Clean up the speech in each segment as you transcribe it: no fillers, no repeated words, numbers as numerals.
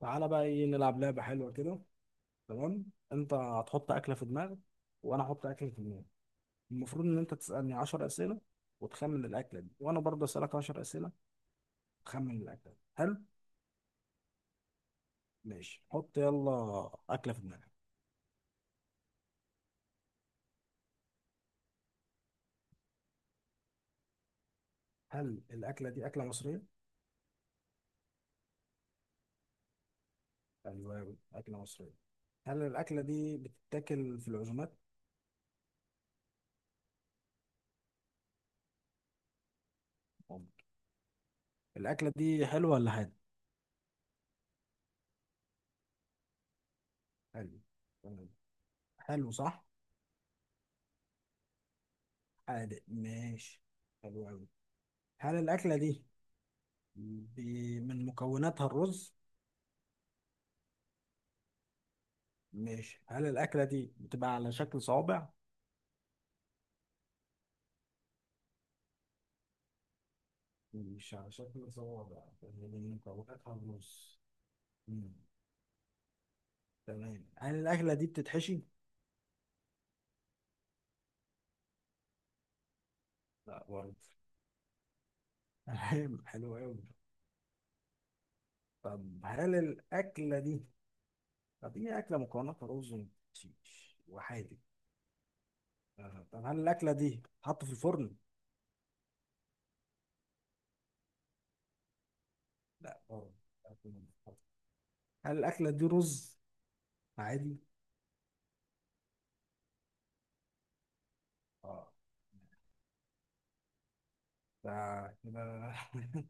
تعالى بقى ايه نلعب لعبة حلوة كده. تمام. انت هتحط أكلة في دماغك وانا احط أكلة في دماغي. المفروض ان انت تسألني 10 أسئلة وتخمن الأكلة دي، وانا برضه أسألك 10 أسئلة تخمن الأكلة دي. حلو. ماشي، حط يلا أكلة في دماغك. هل الأكلة دي أكلة مصرية؟ أيوه أيوة، أكلة مصرية. هل الأكلة دي بتتاكل في العزومات؟ ممكن. الأكلة دي حلوة ولا حادق؟ حلو. تمام. حلو صح؟ حادق، ماشي، حلو أوي. هل الأكلة دي من مكوناتها الرز. ماشي، هل الأكلة دي بتبقى على شكل صوابع؟ مش على شكل صوابع اللي من مكوناتها الرز. مم. تمام، هل الأكلة دي بتتحشي؟ لا برضه. تمام، حلو أوي. طب هل الأكلة دي طب هي أكلة مكوناتها رز ومحشيش وحادق. آه. طب هل الأكلة دي بتتحط في الفرن؟ لا برضه، أكل من الفرن. هل الأكلة دي رز عادي؟ اه، ده كده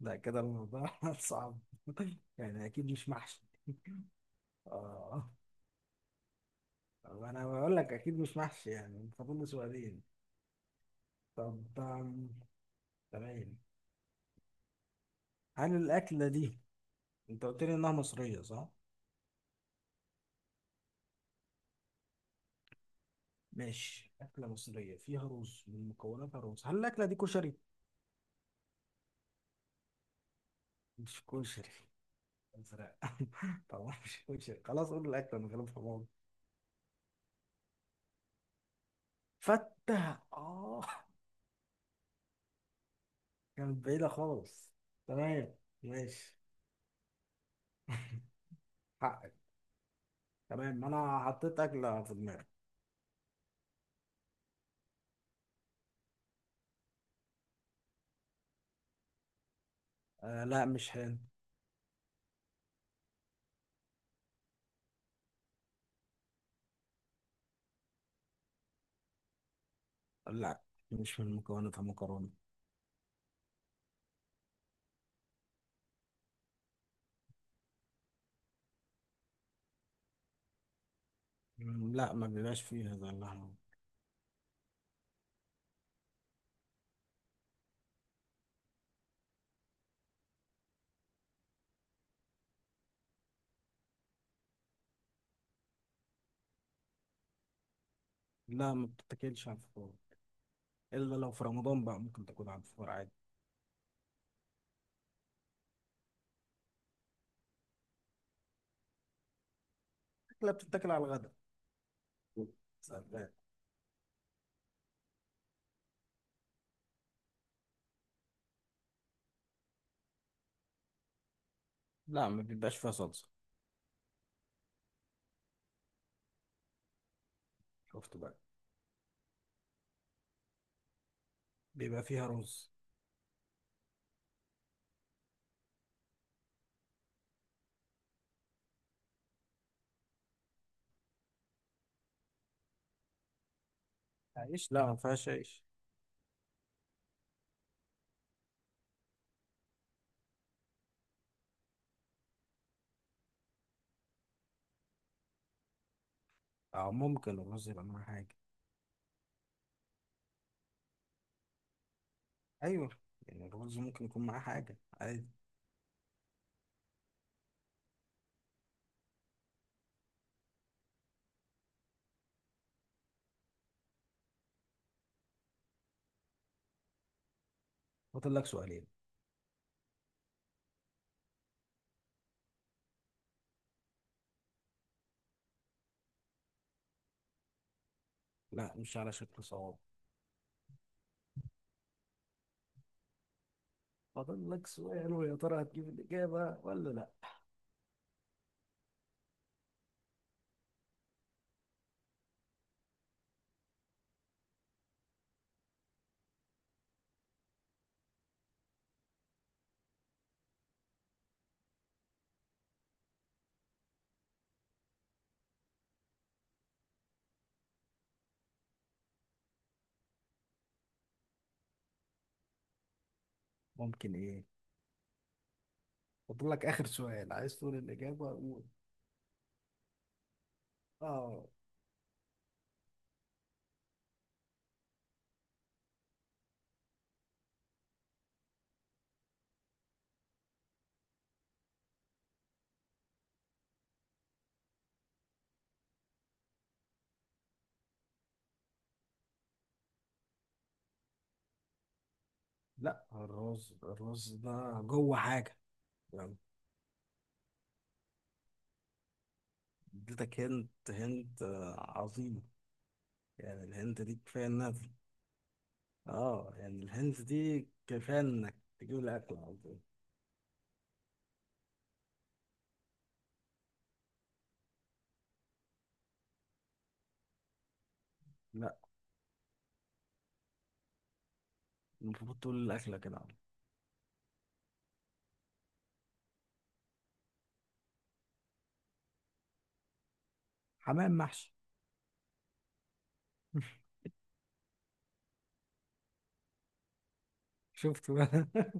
ده كده الموضوع صعب. يعني اكيد مش محشي. اه. طب انا بقول لك اكيد مش محشي، يعني فاضل لي سؤالين. طب تمام. هل الاكله دي انت قلت لي انها مصريه صح. ماشي، اكله مصريه فيها رز، من مكوناتها رز. هل الاكله دي كشري؟ مش كشري. ازرق طبعا مش كشري، خلاص قول الاكله من غير حمار. فته، اه. كانت بعيده خالص. تمام، ماشي حقك. تمام، انا حطيت اكله في دماغي. آه لا، مش هان. لا مش من مكوناتها مكرونه. لا ما بيبقاش فيها زي اللحمه. لا ما بتتاكلش على الفطار، الا لو في رمضان بقى ممكن تاكل على الفطار عادي. اكله بتتاكل على الغداء. سلام. لا ما بيبقاش فيها صلصه. شفت بقى. بيبقى فيها رز. عيش لا، ما فيهاش عيش. اه ممكن الرز يبقى معاه حاجه. ايوه، يعني الرز ممكن يكون معاه حاجه عادي. فاضل لك سؤالين. لا مش على شكل صوابع. فاضل لك سؤال، ويا ترى هتجيب الإجابة ولا لا. ممكن إيه. فاضل لك آخر سؤال، عايز تقول الإجابة قول. آه لا، الرز ده جوه حاجة، يعني. اديتك هنت هنت، عظيم. يعني الهنت دي كفاية إنها، آه، يعني الهنت دي كفاية إنك تجيب الأكل على طول. لا، المفروض تقول الأكلة كده على طول. حمام محشي شفت بقى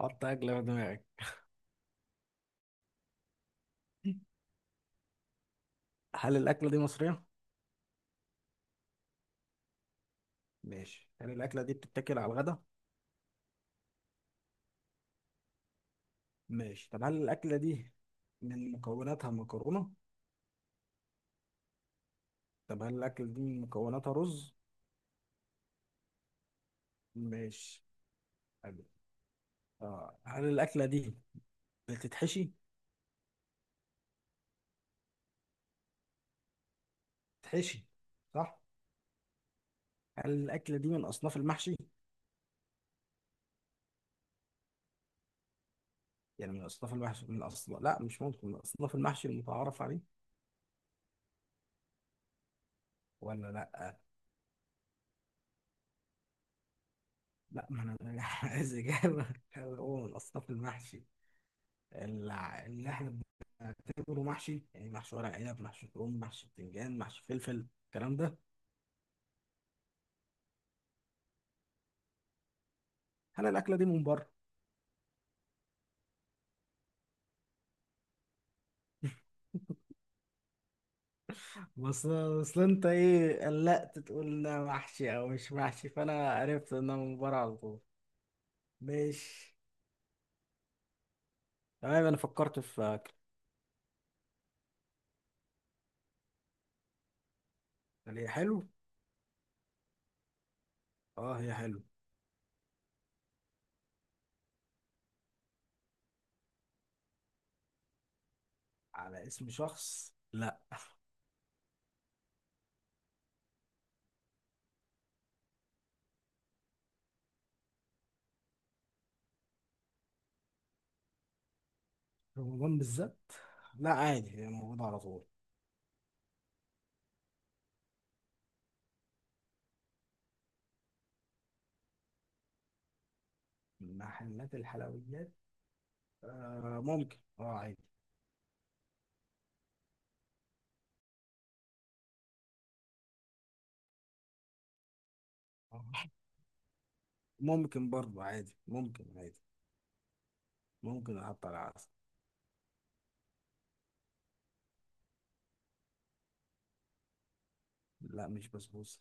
حط أكلة في دماغك. هل الأكلة دي مصرية؟ ماشي، هل الأكلة دي بتتاكل على الغدا؟ ماشي، طب هل الأكلة دي من مكوناتها مكرونة؟ طب هل الأكلة دي من مكوناتها رز؟ ماشي. حلو. آه. هل الأكلة دي بتتحشي؟ بتتحشي صح؟ هل الأكلة دي من أصناف المحشي؟ يعني من أصناف المحشي، من أصناف، لا مش ممكن، من أصناف المحشي المتعارف عليه ولا لا؟ لا، ما أنا أنا عايز إجابة. هل هو من أصناف المحشي اللي إحنا بنعتبره محشي، يعني محشي ورق عنب، محشي كرنب، محشي بتنجان، محشي فلفل، الكلام ده. هل الأكلة دي من بره؟ بس اصل انت ايه، قلقت تقول ده محشي او مش محشي، فانا عرفت انها من بره على طول. ماشي. تمام انا فكرت في اكل. هل هي حلو؟ اه هي حلو. على اسم شخص لا. رمضان بالذات، لا عادي هي موجوده على طول. محلات الحلويات، آه ممكن اه عادي. آه، ممكن برضه عادي، ممكن عادي. ممكن احط على عسل. لا مش بسبوسه.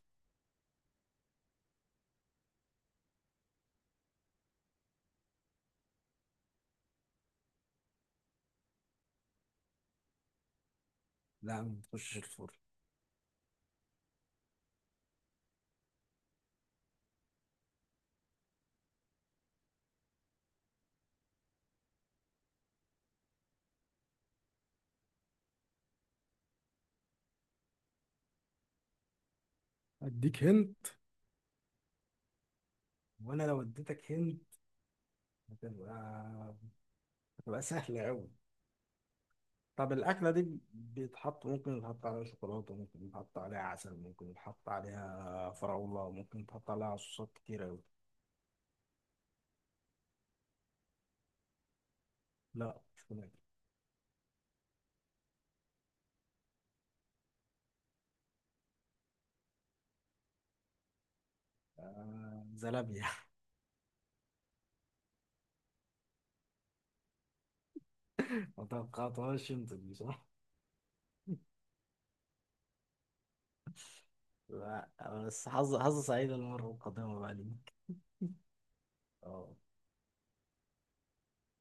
لا ما بتخشش الفرن. اديك هند، وانا لو اديتك هند هتبقى تبقى سهلة أوي. طب الأكلة دي ممكن يتحط عليها شوكولاتة، ممكن يتحط عليها عسل، ممكن يتحط عليها فراولة، ممكن يتحط عليها صوصات كتير أوي. لا مش فلافل. آه زلابية ما توقعتهاش أنت دي صح؟ لا. بس حظ سعيد المرة القادمة بقى ليك. اه